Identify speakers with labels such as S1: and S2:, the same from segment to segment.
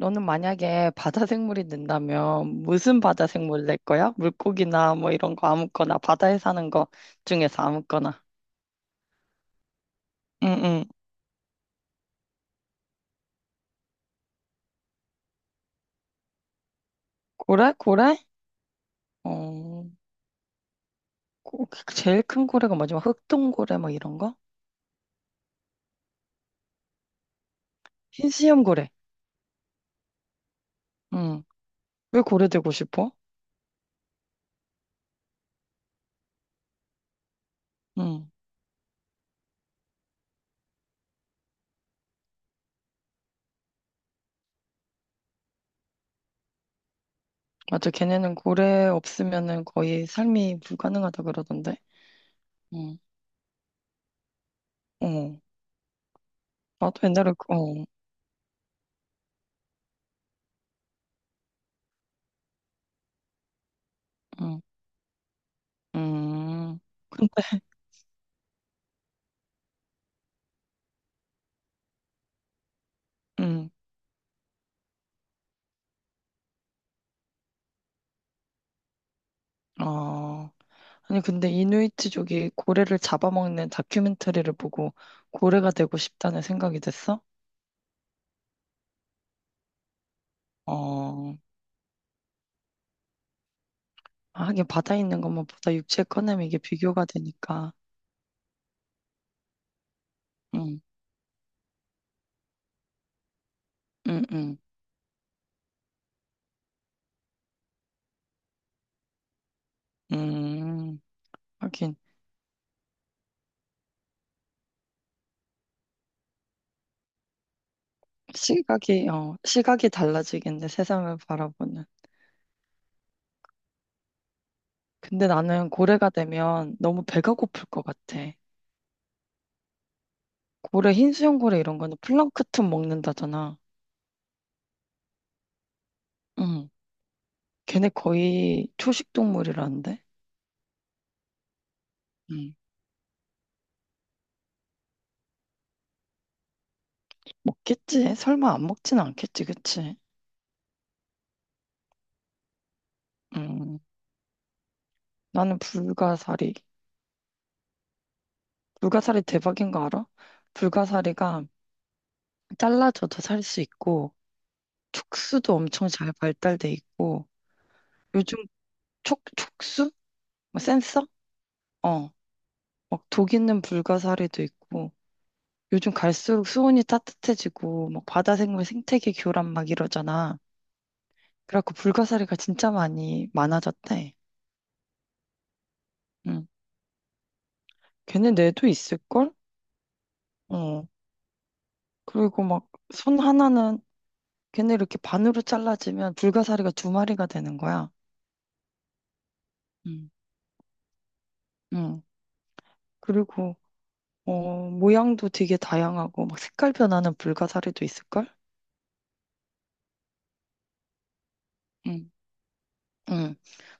S1: 너는 만약에 바다 생물이 된다면 무슨 바다 생물 낼 거야? 물고기나 뭐 이런 거 아무거나 바다에 사는 거 중에서 아무거나. 응응. 고래? 고래? 어, 고- 제일 큰 고래가 뭐지? 막 흑동고래 뭐 이런 거? 흰수염 고래. 응. 왜 고래 되고 싶어? 응. 맞아. 걔네는 고래 없으면은 거의 삶이 불가능하다 그러던데. 응. 어. 나도 옛날에 어. 응. 음. 근데 응. 어. 아니, 근데 이누이트족이 고래를 잡아먹는 다큐멘터리를 보고 고래가 되고 싶다는 생각이 됐어? 어, 아, 하긴 바다에 있는 것만 보다 육체에 꺼내면 이게 비교가 되니까. 응, 응, 응, 음, 하긴. 시각이, 어, 시각이 달라지겠네, 세상을 바라보는. 근데 나는 고래가 되면 너무 배가 고플 것 같아. 고래, 흰수염 고래 이런 거는 플랑크톤 먹는다잖아. 응, 걔네 거의 초식 동물이라는데? 먹겠지. 설마 안 먹진 않겠지, 그치? 음, 나는 불가사리. 불가사리 대박인 거 알아? 불가사리가 잘라져도 살 수 있고, 촉수도 엄청 잘 발달돼 있고, 요즘 촉수? 뭐 센서? 어, 막 독 있는 불가사리도 있고, 요즘 갈수록 수온이 따뜻해지고, 막 바다 생물 생태계 교란 막 이러잖아. 그래갖고 불가사리가 진짜 많이 많아졌대. 응. 걔네 뇌도 있을걸? 어. 그리고 막 손 하나는 걔네 이렇게 반으로 잘라지면 불가사리가 두 마리가 되는 거야. 음. 응. 그리고 어, 모양도 되게 다양하고 막 색깔 변하는 불가사리도 있을걸? 응, 응.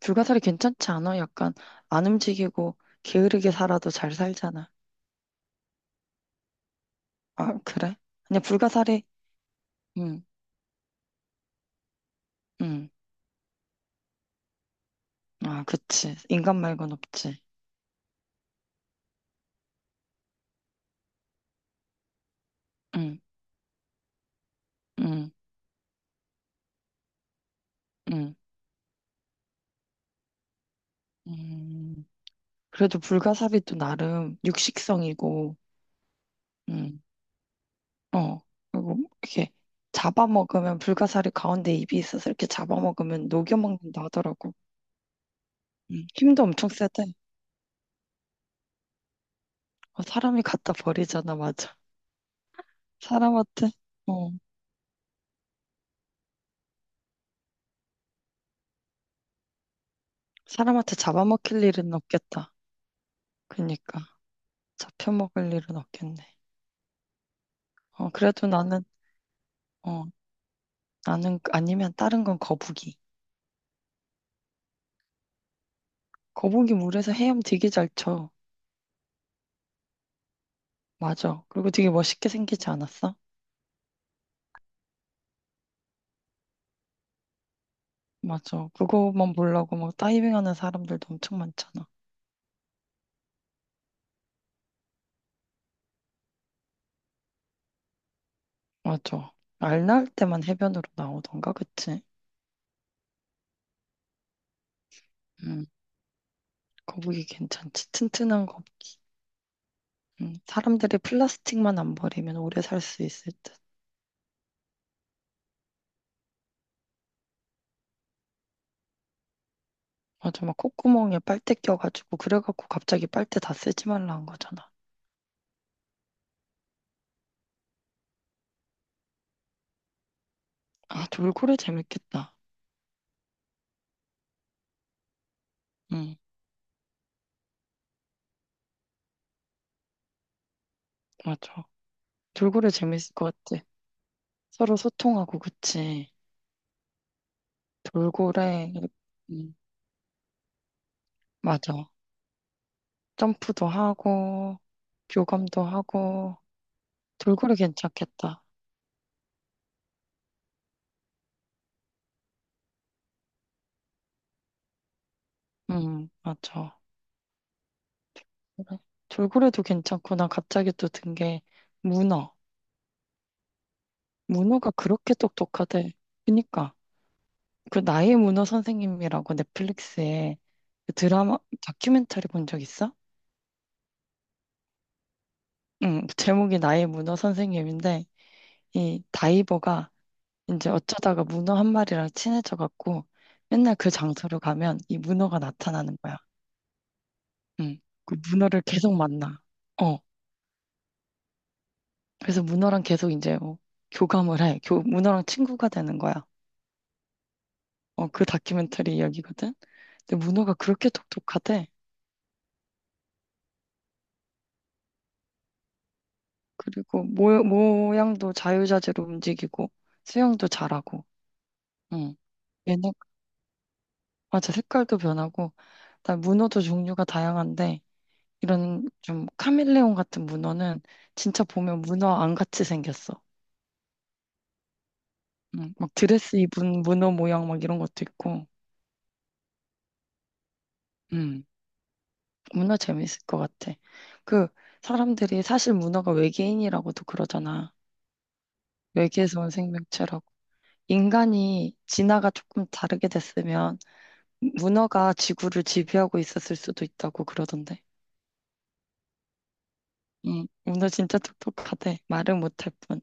S1: 불가사리 괜찮지 않아? 약간 안 움직이고 게으르게 살아도 잘 살잖아. 아, 그래? 그냥 불가사리? 응. 응. 아, 그치. 인간 말곤 없지. 응. 응. 응. 음. 그래도 불가사리도 나름 육식성이고 응. 어, 그리고 이렇게 잡아먹으면 불가사리 가운데 입이 있어서 이렇게 잡아먹으면 녹여먹는다 하더라고. 힘도 엄청 세대. 어, 사람이 갖다 버리잖아, 맞아. 사람한테, 어, 사람한테 잡아먹힐 일은 없겠다. 그니까. 잡혀먹을 일은 없겠네. 어, 그래도 나는, 어, 나는 아니면 다른 건 거북이. 거북이 물에서 헤엄 되게 잘 쳐. 맞아. 그리고 되게 멋있게 생기지 않았어? 맞아. 그거만 보려고 막 다이빙하는 사람들도 엄청 많잖아. 맞아. 알 낳을 때만 해변으로 나오던가, 그치? 음, 거북이 괜찮지. 튼튼한 거북이. 사람들이 플라스틱만 안 버리면 오래 살 수 있을 듯. 맞아, 막 콧구멍에 빨대 껴가지고, 그래갖고 갑자기 빨대 다 쓰지 말라 한 거잖아. 아, 돌고래 재밌겠다. 응, 맞아. 돌고래 재밌을 것 같아. 서로 소통하고, 그치? 돌고래, 음, 맞아. 점프도 하고, 교감도 하고, 돌고래 괜찮겠다. 응, 맞아. 그래. 돌고래도 괜찮고, 나 갑자기 또 든 게, 문어. 문어가 그렇게 똑똑하대. 그니까, 그 나의 문어 선생님이라고 넷플릭스에 그 드라마, 다큐멘터리 본 적 있어? 응, 그 제목이 나의 문어 선생님인데, 이 다이버가 이제 어쩌다가 문어 한 마리랑 친해져갖고, 맨날 그 장소로 가면 이 문어가 나타나는 거야. 응, 그 문어를 계속 만나. 어, 그래서 문어랑 계속 이제 뭐 교감을 해. 문어랑 친구가 되는 거야. 어, 그 다큐멘터리 이야기거든. 근데 문어가 그렇게 똑똑하대. 그리고 모양도 자유자재로 움직이고 수영도 잘하고. 응. 얘네 맞아 색깔도 변하고. 나 문어도 종류가 다양한데 이런 좀 카멜레온 같은 문어는 진짜 보면 문어 안 같이 생겼어. 응. 막 드레스 입은 문어 모양 막 이런 것도 있고. 응. 문어 재밌을 것 같아. 그 사람들이 사실 문어가 외계인이라고도 그러잖아. 외계에서 온 생명체라고. 인간이 진화가 조금 다르게 됐으면 문어가 지구를 지배하고 있었을 수도 있다고 그러던데. 응, 문어 진짜 똑똑하대. 말을 못할 뿐.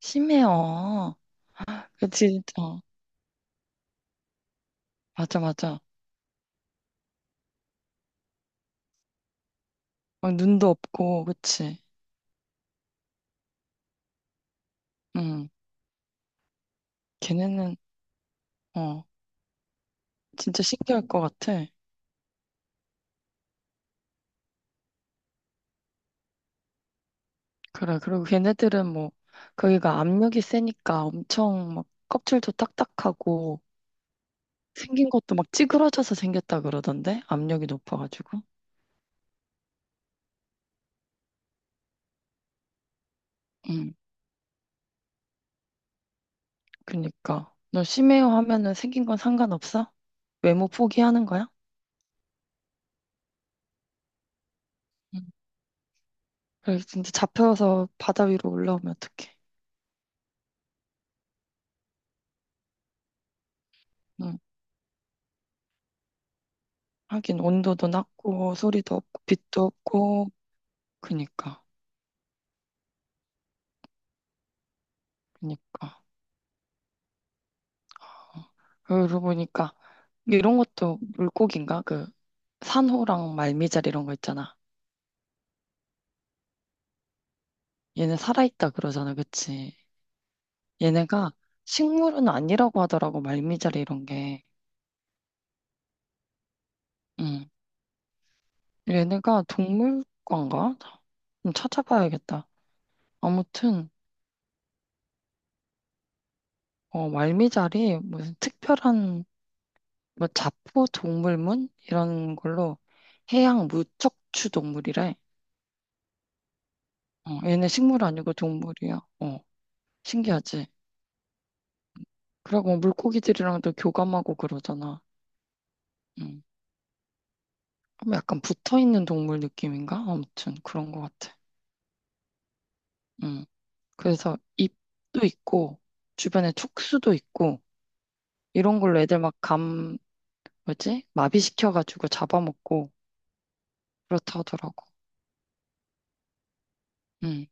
S1: 심해요. 그치, 어, 맞아, 맞아. 어, 눈도 없고, 그치. 응, 걔네는, 어, 진짜 신기할 것 같아. 그래, 그리고 걔네들은 뭐, 거기가 압력이 세니까 엄청 막 껍질도 딱딱하고, 생긴 것도 막 찌그러져서 생겼다 그러던데? 압력이 높아가지고. 응. 그니까. 너 심해요 하면은 생긴 건 상관없어? 외모 포기하는 거야? 응. 그래, 진짜 잡혀서 바다 위로 올라오면 어떡해. 응. 하긴 온도도 낮고 소리도 없고 빛도 없고 그니까 그니까 어. 그러고 보니까 이런 것도 물고기인가? 그 산호랑 말미잘 이런 거 있잖아. 얘네 살아있다 그러잖아, 그치? 얘네가 식물은 아니라고 하더라고 말미잘 이런 게. 응. 얘네가 동물과인가? 좀 찾아봐야겠다. 아무튼 어, 말미잘이 무슨 특별한 뭐 자포 동물문 이런 걸로 해양 무척추 동물이래. 어, 얘네 식물 아니고 동물이야. 어, 신기하지? 그리고 뭐 물고기들이랑도 교감하고 그러잖아. 음, 그럼 약간 붙어 있는 동물 느낌인가? 아무튼 그런 것 같아. 음, 그래서 잎도 있고 주변에 촉수도 있고 이런 걸로 애들 막감 뭐지? 마비시켜가지고 잡아먹고 그렇다 하더라고. 응,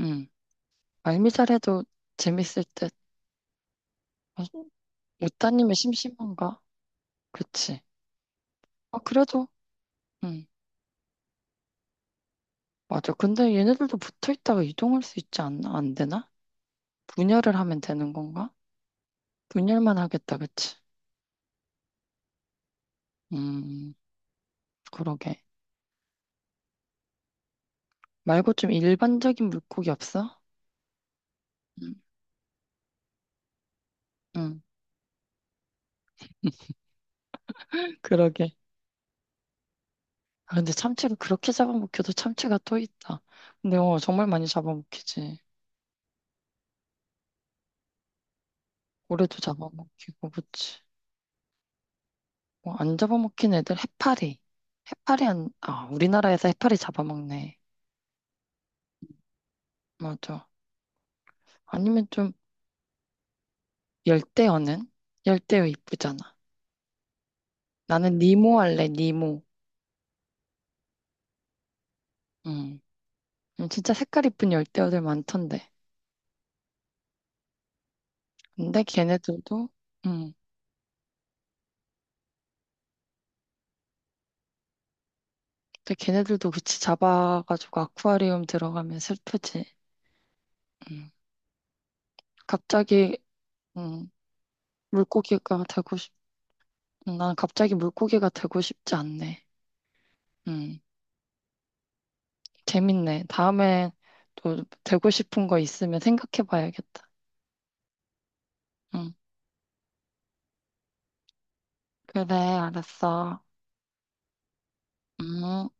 S1: 응. 말미잘해도 재밌을 듯. 어, 못다니면 심심한가? 그치. 아, 그래도, 응, 맞아. 근데 얘네들도 붙어 있다가 이동할 수 있지 않나? 안 되나? 분열을 하면 되는 건가? 분열만 하겠다, 그치? 음, 그러게. 말고 좀 일반적인 물고기 없어? 응, 응. 그러게. 아, 근데 참치를 그렇게 잡아먹혀도 참치가 또 있다. 근데 어, 정말 많이 잡아먹히지. 올래도 잡아먹히고, 그치. 뭐, 안 잡아먹힌 애들 해파리. 해파리 안, 아, 우리나라에서 해파리 잡아먹네. 맞아. 아니면 좀, 열대어는? 열대어 이쁘잖아. 나는 니모 할래, 니모. 응. 진짜 색깔 이쁜 열대어들 많던데. 근데 걔네들도, 응. 근데 걔네들도 그치 잡아가지고 아쿠아리움 들어가면 슬프지. 응. 갑자기, 응. 물고기가 되고 싶, 난 갑자기 물고기가 되고 싶지 않네. 응. 재밌네. 다음에 또 되고 싶은 거 있으면 생각해 봐야겠다. 응. 그래, 알았어. 음.